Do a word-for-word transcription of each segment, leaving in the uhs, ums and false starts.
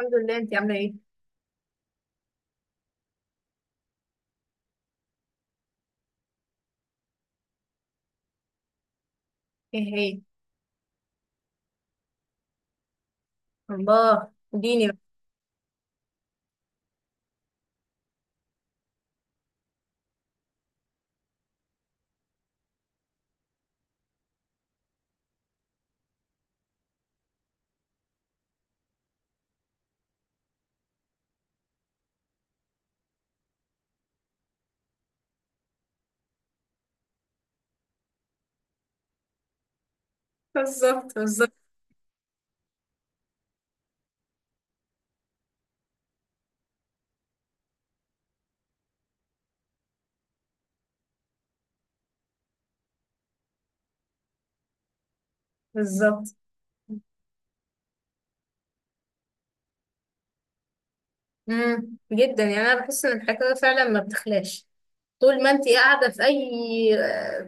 الحمد لله. انت عامله ايه؟ ايه هي؟ الله اديني بقى. بالظبط، بالظبط. بالظبط. امم جدا، يعني انا بحس ان الحكايه فعلا ما بتخلاش. طول ما انت قاعده في اي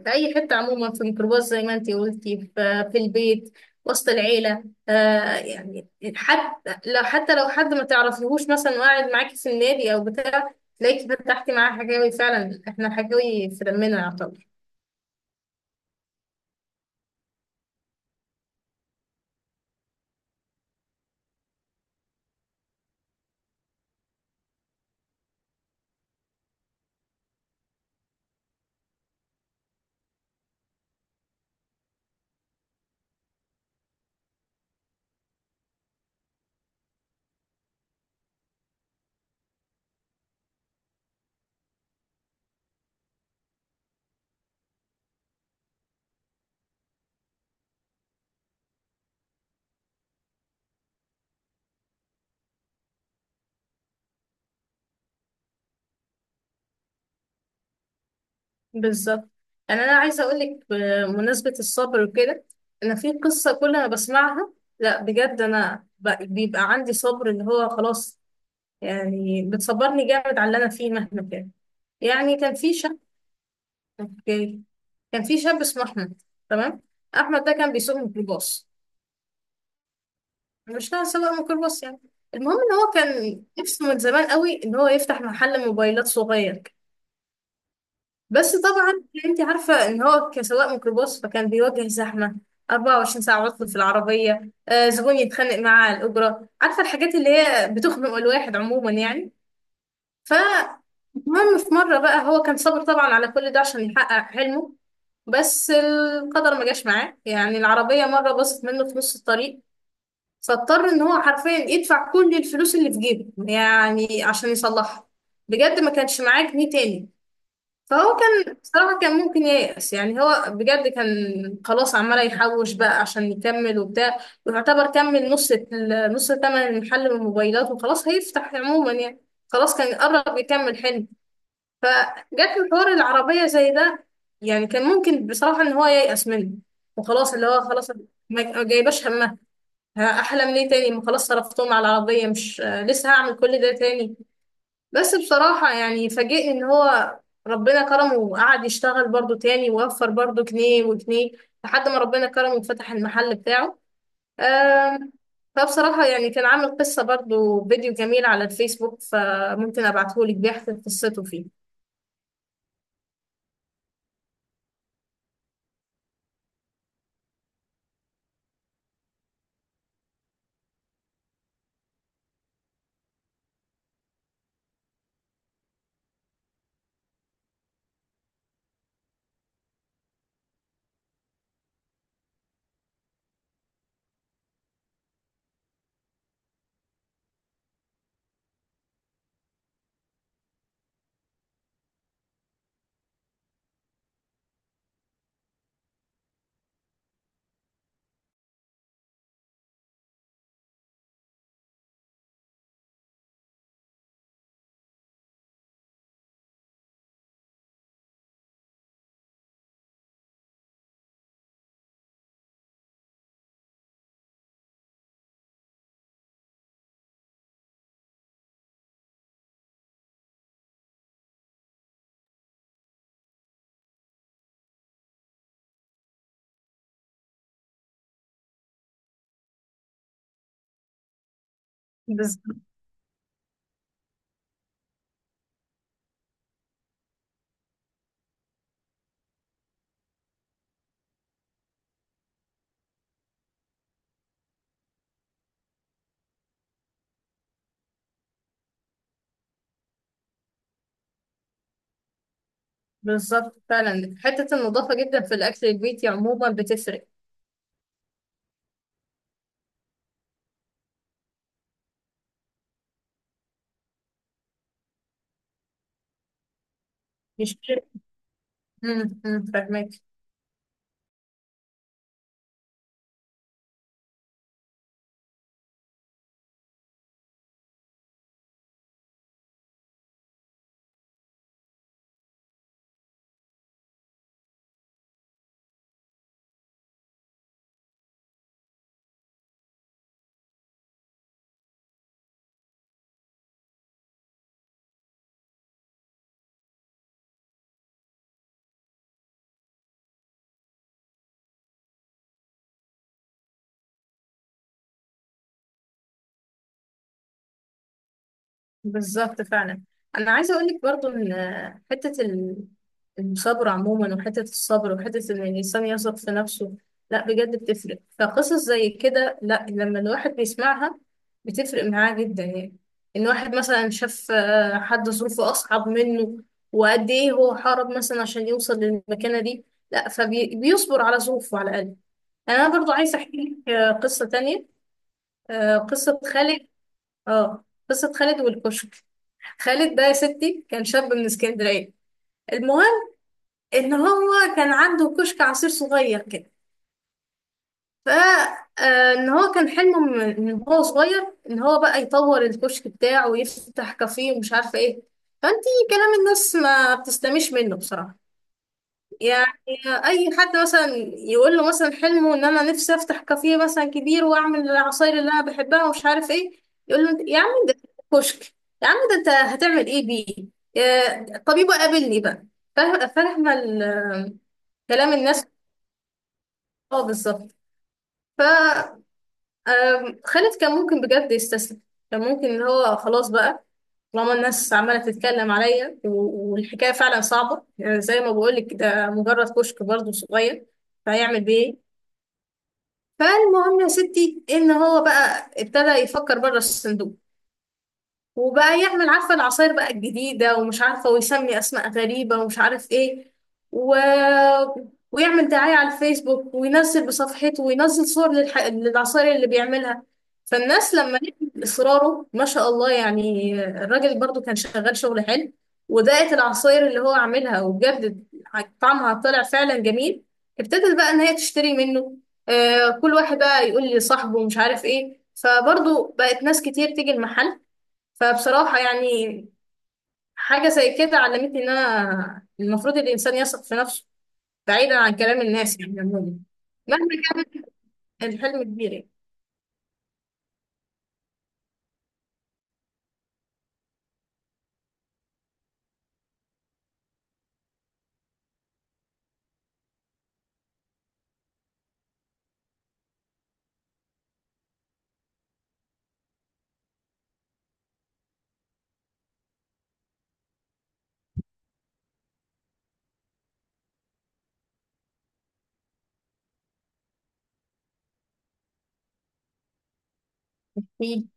في اي حته عموما، في الميكروباص زي ما انت قلتي في, في البيت، وسط العيله. آه يعني حتى لو حتى لو حد ما تعرفيهوش مثلا وقاعد معاكي في النادي او بتاع، تلاقيكي فتحتي معاه حكاوي. فعلا احنا حكاوي في دمنا يعتبر. بالظبط. يعني انا عايزه اقول لك بمناسبه الصبر وكده، انا في قصه كل ما بسمعها، لا بجد، انا ب- بيبقى عندي صبر اللي هو خلاص. يعني بتصبرني جامد على اللي انا فيه مهما كان. يعني كان في شاب. اوكي. كان في شاب اسمه احمد. تمام. احمد ده كان بيسوق ميكروباص، مش نوع سواق ميكروباص يعني. المهم ان هو كان نفسه من زمان قوي ان هو يفتح محل موبايلات صغير. بس طبعا انت عارفة ان هو كسواق ميكروباص، فكان بيواجه زحمة، أربعة وعشرين ساعة عطل في العربية، آه، زبون يتخانق معاه على الأجرة، عارفة الحاجات اللي هي بتخنق الواحد عموما يعني. ف المهم في مرة بقى هو كان صابر طبعا على كل ده عشان يحقق حلمه. بس القدر ما جاش معاه، يعني العربية مرة باظت منه في نص الطريق، فاضطر ان هو حرفيا يدفع كل الفلوس اللي في جيبه يعني عشان يصلحها. بجد ما كانش معاه جنيه تاني. فهو كان، بصراحة كان ممكن ييأس، يعني هو بجد كان خلاص، عمال يحوش بقى عشان يكمل وبتاع، ويعتبر كمل نص ال- نص تمن المحل من الموبايلات، وخلاص هيفتح عموما يعني. خلاص كان قرب يكمل حلم، فجت له حوار العربية زي ده. يعني كان ممكن بصراحة إن هو ييأس منه وخلاص، اللي هو خلاص ما ما جايباش همها. ها، أحلم ليه تاني؟ ما خلاص صرفتهم على العربية. مش آه، لسه هعمل كل ده تاني؟ بس بصراحة يعني فاجئني ان هو ربنا كرمه، وقعد يشتغل برضو تاني، ووفر برضو جنيه وجنيه، لحد ما ربنا كرمه وفتح المحل بتاعه. آم، فبصراحة يعني كان عامل قصة، برضو فيديو جميل على الفيسبوك، فممكن ابعتهولك بيحكي قصته فيه. بز- بالظبط، فعلا حتة النظافة جدا في الأكل البيتي عموما بتفرق. مش مم، مم، فاهمك. بالظبط فعلا. انا عايزه اقول لك برضو ان، حته ال- الصبر عموما، وحته الصبر، وحته ان الانسان يثق في نفسه، لا بجد بتفرق. فقصص زي كده، لا، لما الواحد بيسمعها بتفرق معاه جدا. يعني ان واحد مثلا شاف آه، حد ظروفه اصعب منه، وقد ايه هو حارب مثلا عشان يوصل للمكانه دي، لا فبيصبر على ظروفه على الاقل. انا برضو عايزه احكي لك آه، قصه تانية. آه، قصه خالد. اه، قصة خالد والكشك. خالد ده يا ستي كان شاب من اسكندرية. المهم ان هو كان عنده كشك عصير صغير كده. ف آه، ان هو كان حلمه من من هو صغير ان هو بقى يطور الكشك بتاعه ويفتح كافيه ومش عارفة ايه. فانتي كلام الناس ما بتستمش منه بصراحة. يعني اي حد مثلا يقول له مثلا حلمه ان انا نفسي افتح كافيه مثلا كبير واعمل العصاير اللي انا بحبها ومش عارف ايه، يقول له يا عم ده كشك، يا عم ده انت هتعمل ايه بيه؟ يا- طبيبه قابلني بقى. فاهم- فاهمه ال- كلام الناس. اه بالظبط. أم، خالد كان ممكن بجد يستسلم، كان ممكن ان هو خلاص بقى، طالما الناس عماله تتكلم عليا و- والحكايه فعلا صعبه، يعني زي ما بقولك ده مجرد كشك برضه صغير، فهيعمل بيه إيه؟ فالمهم يا ستي ان هو بقى ابتدى يفكر بره الصندوق، وبقى يعمل عارفة العصاير بقى الجديدة ومش عارفة، ويسمي أسماء غريبة ومش عارف إيه، و... ويعمل دعاية على الفيسبوك، وينزل بصفحته وينزل صور للح... للعصاير اللي بيعملها. فالناس لما لقت إصراره ما شاء الله، يعني الراجل برضو كان شغال شغل حلو، ودقت العصاير اللي هو عاملها وبجد طعمها طلع فعلا جميل، ابتدت بقى إن هي تشتري منه. آه كل واحد بقى يقول لي صاحبه ومش عارف إيه، فبرضو بقت ناس كتير تيجي المحل. فبصراحة يعني حاجة زي كده علمتني إن أنا المفروض الإنسان يثق في نفسه، بعيدا عن كلام الناس يعني عموما، مهما كان الحلم كبير يعني. أكيد.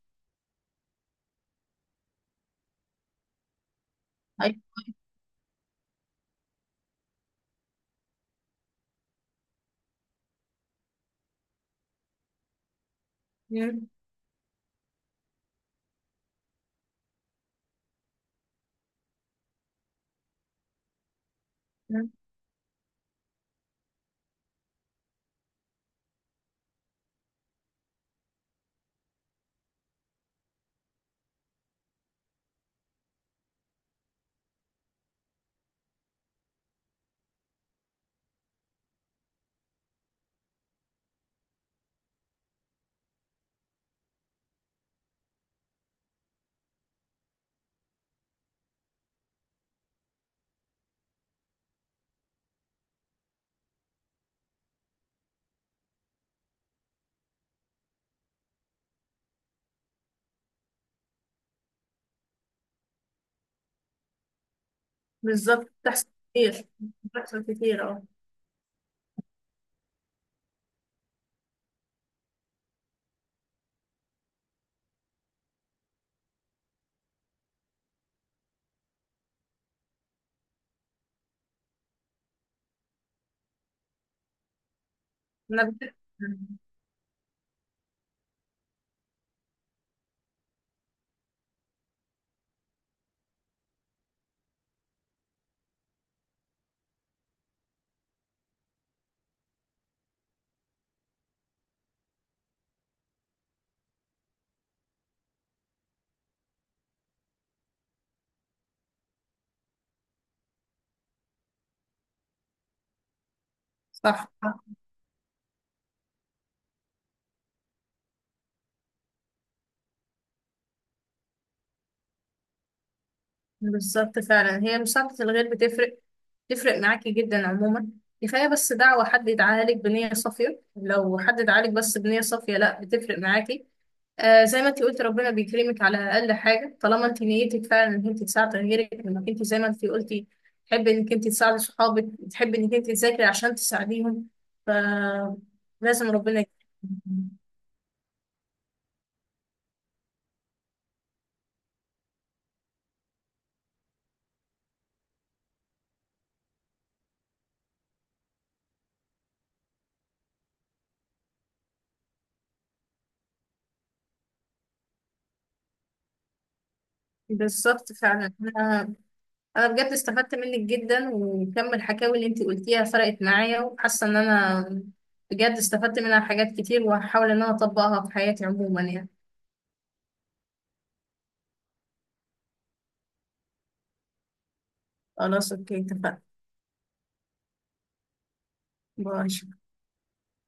أيوة. مم. مم. بالظبط، بتحصل كتير. بتحصل كتير، أه. أنا بت- مم. صح. بالظبط فعلا، هي مساعدة الغير بتفرق، تفرق معاكي جدا عموما. كفاية بس دعوة، حد يدعاها لك بنية صافية، لو حد دعالك بس بنية صافية، لا بتفرق معاكي. آه زي ما انت قلت، ربنا بيكرمك على اقل حاجه، طالما انت نيتك فعلا انك انت تساعدي غيرك، انك انت زي ما انت قلتي تحبي انك انت تساعدي صحابك، تحبي انك انت تذاكري عشان تساعديهم، فلازم ربنا يكرمك. بالظبط فعلا. انا، انا بجد استفدت منك جدا، وكم الحكاوي اللي انت قلتيها فرقت معايا، وحاسه ان انا بجد استفدت منها حاجات كتير، وهحاول ان انا اطبقها في حياتي عموما يعني. خلاص. اوكي اتفقنا. باي.